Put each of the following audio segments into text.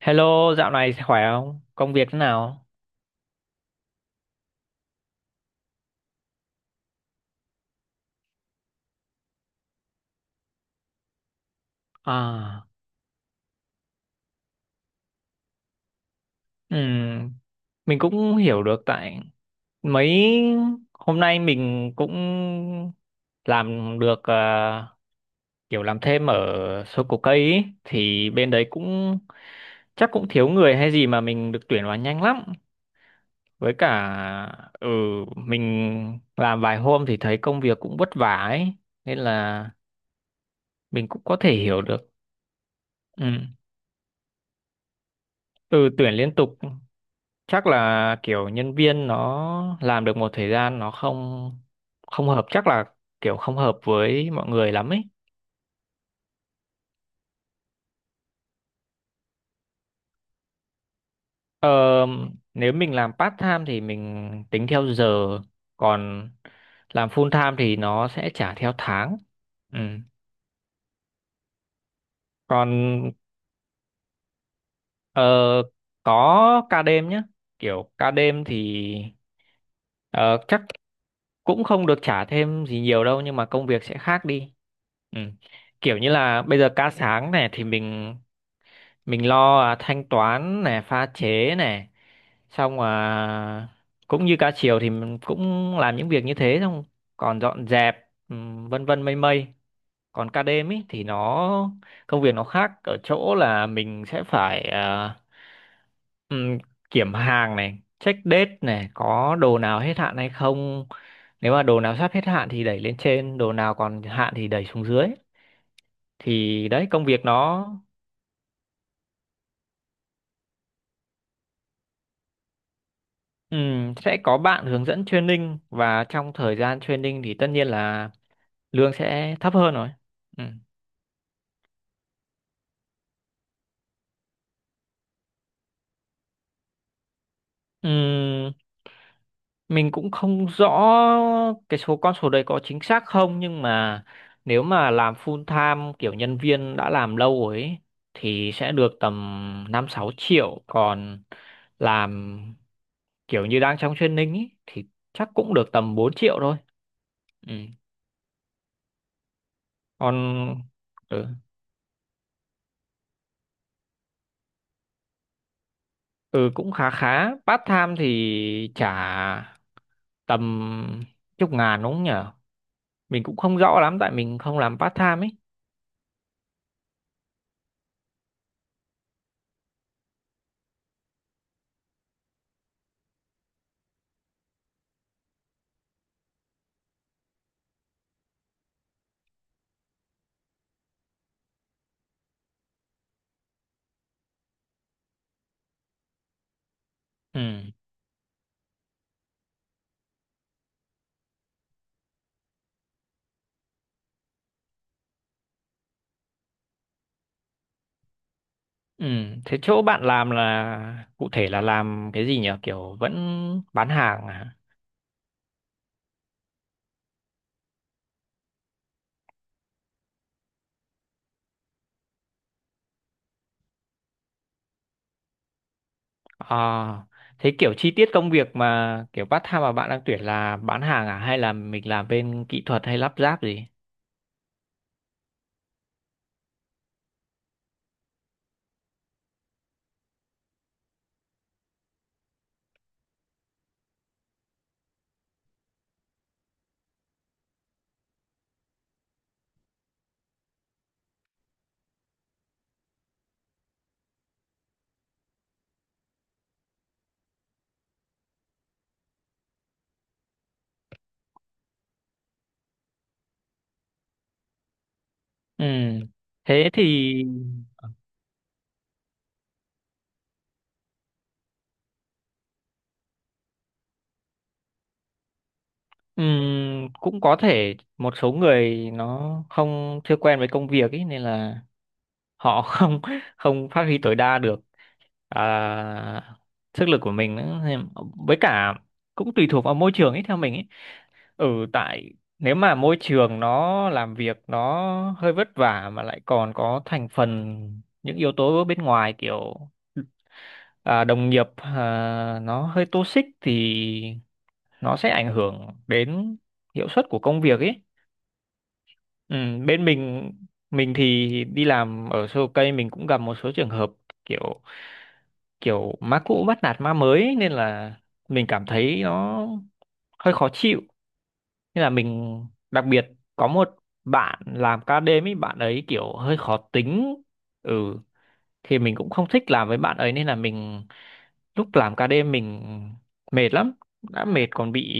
Hello, dạo này khỏe không? Công việc thế nào? À, ừm, mình cũng hiểu được tại mấy hôm nay mình cũng làm được kiểu làm thêm ở số cổ cây ý. Thì bên đấy cũng chắc cũng thiếu người hay gì mà mình được tuyển vào nhanh lắm. Với cả ừ mình làm vài hôm thì thấy công việc cũng vất vả ấy nên là mình cũng có thể hiểu được. Ừ, ừ, tuyển liên tục chắc là kiểu nhân viên nó làm được một thời gian nó không không hợp, chắc là kiểu không hợp với mọi người lắm ấy. ờ, Nếu mình làm part time thì mình tính theo giờ, còn làm full time thì nó sẽ trả theo tháng. Ừ. Còn ờ, có ca đêm nhá, kiểu ca đêm thì ờ, chắc cũng không được trả thêm gì nhiều đâu nhưng mà công việc sẽ khác đi. Ừ. Kiểu như là bây giờ ca sáng này thì mình lo thanh toán này pha chế này, xong cũng như ca chiều thì mình cũng làm những việc như thế, xong còn dọn dẹp, ừ, vân vân mây mây. Còn ca đêm ý thì nó công việc nó khác ở chỗ là mình sẽ phải ừm, kiểm hàng này check date này có đồ nào hết hạn hay không. Nếu mà đồ nào sắp hết hạn thì đẩy lên trên, đồ nào còn hạn thì đẩy xuống dưới, thì đấy công việc nó... Sẽ có bạn hướng dẫn training và trong thời gian training thì tất nhiên là lương sẽ thấp hơn rồi. Ừ. Ừm, mình cũng không rõ cái số con số đấy có chính xác không, nhưng mà nếu mà làm full time kiểu nhân viên đã làm lâu rồi ấy, thì sẽ được tầm 5-6 triệu. Còn làm kiểu như đang trong training ấy, thì chắc cũng được tầm 4 triệu thôi. Ừ. Còn ừ, ừ, cũng khá khá, part time thì trả tầm chục ngàn đúng không nhỉ? Mình cũng không rõ lắm tại mình không làm part time ấy. Ừ, ừ, thế chỗ bạn làm là cụ thể là làm cái gì nhỉ, kiểu vẫn bán hàng à? À, thế kiểu chi tiết công việc mà kiểu part time mà bạn đang tuyển là bán hàng à hay là mình làm bên kỹ thuật hay lắp ráp gì? Ừ, thế thì cũng có thể một số người nó không chưa quen với công việc ấy nên là họ không không phát huy tối đa được à, sức lực của mình nữa. Với cả cũng tùy thuộc vào môi trường ấy theo mình ấy. Ừ, tại nếu mà môi trường nó làm việc nó hơi vất vả mà lại còn có thành phần những yếu tố bên ngoài, kiểu đồng nghiệp nó hơi toxic thì nó sẽ ảnh hưởng đến hiệu suất của công việc ấy. Ừ, bên mình thì đi làm ở Sô Cây mình cũng gặp một số trường hợp, kiểu kiểu má cũ bắt nạt má mới ấy, nên là mình cảm thấy nó hơi khó chịu, nên là mình đặc biệt có một bạn làm ca đêm ấy bạn ấy kiểu hơi khó tính. Ừ, thì mình cũng không thích làm với bạn ấy nên là mình lúc làm ca đêm mình mệt lắm, đã mệt còn bị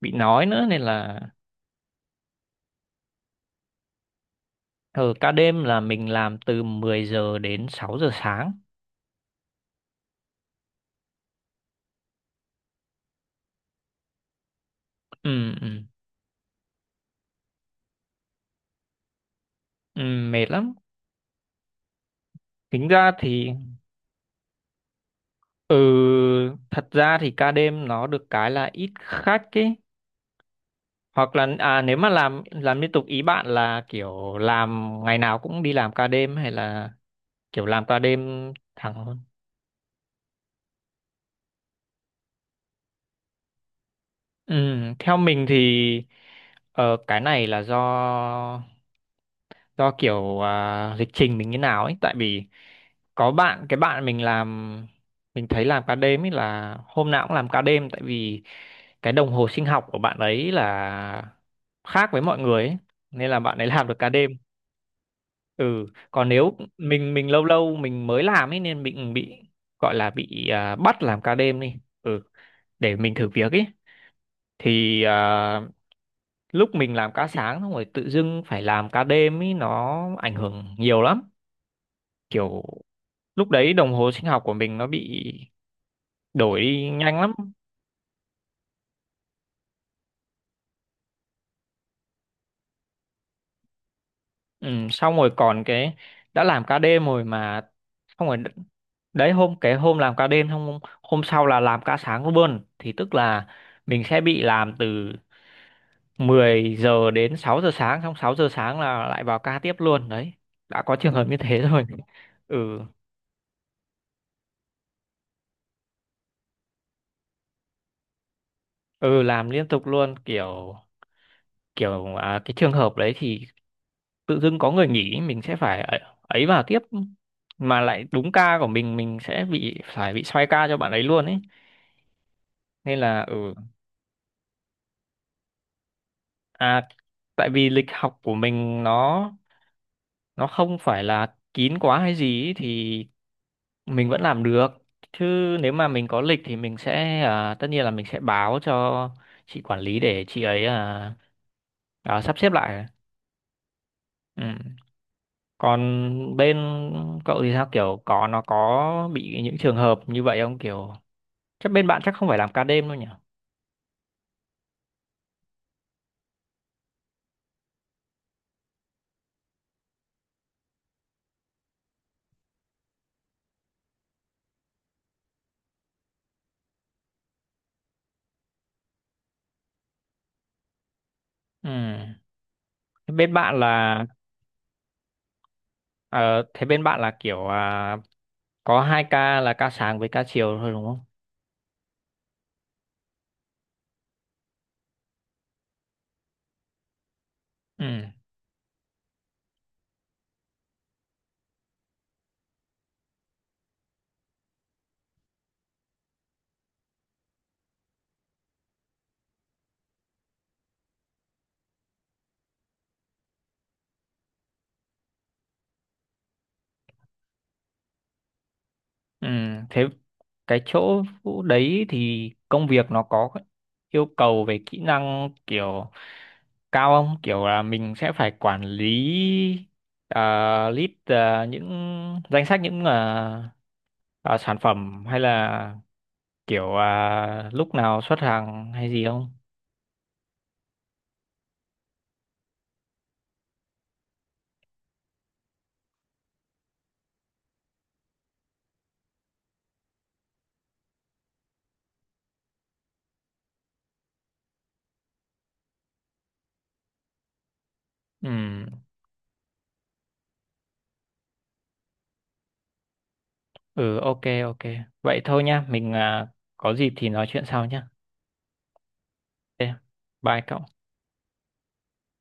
bị nói nữa nên là... Ở ca đêm là mình làm từ 10 giờ đến 6 giờ sáng. Ừ, ừ, ừ, mệt lắm. Tính ra thì ừ, thật ra thì ca đêm nó được cái là ít khách ấy. Hoặc là nếu mà làm liên tục ý bạn là kiểu làm ngày nào cũng đi làm ca đêm hay là kiểu làm ca đêm thẳng? Ừ, theo mình thì ờ, cái này là do kiểu lịch trình mình như nào ấy, tại vì có bạn cái bạn mình làm mình thấy làm ca đêm ấy là hôm nào cũng làm ca đêm, tại vì cái đồng hồ sinh học của bạn ấy là khác với mọi người ấy nên là bạn ấy làm được ca đêm. Ừ, còn nếu mình lâu lâu mình mới làm ấy nên mình bị gọi là bị bắt làm ca đêm đi ừ để mình thử việc ấy, thì lúc mình làm ca sáng xong rồi tự dưng phải làm ca đêm ý nó ảnh hưởng nhiều lắm, kiểu lúc đấy đồng hồ sinh học của mình nó bị đổi đi nhanh lắm. Ừ, xong rồi còn cái đã làm ca đêm rồi mà xong rồi đấy, cái hôm làm ca đêm xong hôm sau là làm ca sáng luôn thì tức là mình sẽ bị làm từ 10 giờ đến 6 giờ sáng, xong 6 giờ sáng là lại vào ca tiếp luôn đấy, đã có trường hợp như thế rồi. Ừ, ừ, làm liên tục luôn, kiểu kiểu à, cái trường hợp đấy thì tự dưng có người nghỉ mình sẽ phải ấy vào tiếp mà lại đúng ca của mình sẽ bị phải bị xoay ca cho bạn ấy luôn ấy, nên là ừ. à Tại vì lịch học của mình nó không phải là kín quá hay gì ấy, thì mình vẫn làm được, chứ nếu mà mình có lịch thì mình sẽ tất nhiên là mình sẽ báo cho chị quản lý để chị ấy sắp xếp lại. Ừ. Còn bên cậu thì sao, kiểu nó có bị những trường hợp như vậy không, kiểu chắc bên bạn chắc không phải làm ca đêm đâu nhỉ? Ừ. Thế Bên bạn là ờ, Thế bên bạn là kiểu có hai ca là ca sáng với ca chiều thôi đúng không? Ừ. Ừ. Thế cái chỗ Vũ đấy thì công việc nó có yêu cầu về kỹ năng kiểu cao không, kiểu là mình sẽ phải quản lý những danh sách những ờ, sản phẩm hay là kiểu lúc nào xuất hàng hay gì không? Ừ, ừ, ok, ok, vậy thôi nhá, mình có dịp thì nói chuyện sau nhá. Ok, bye cậu.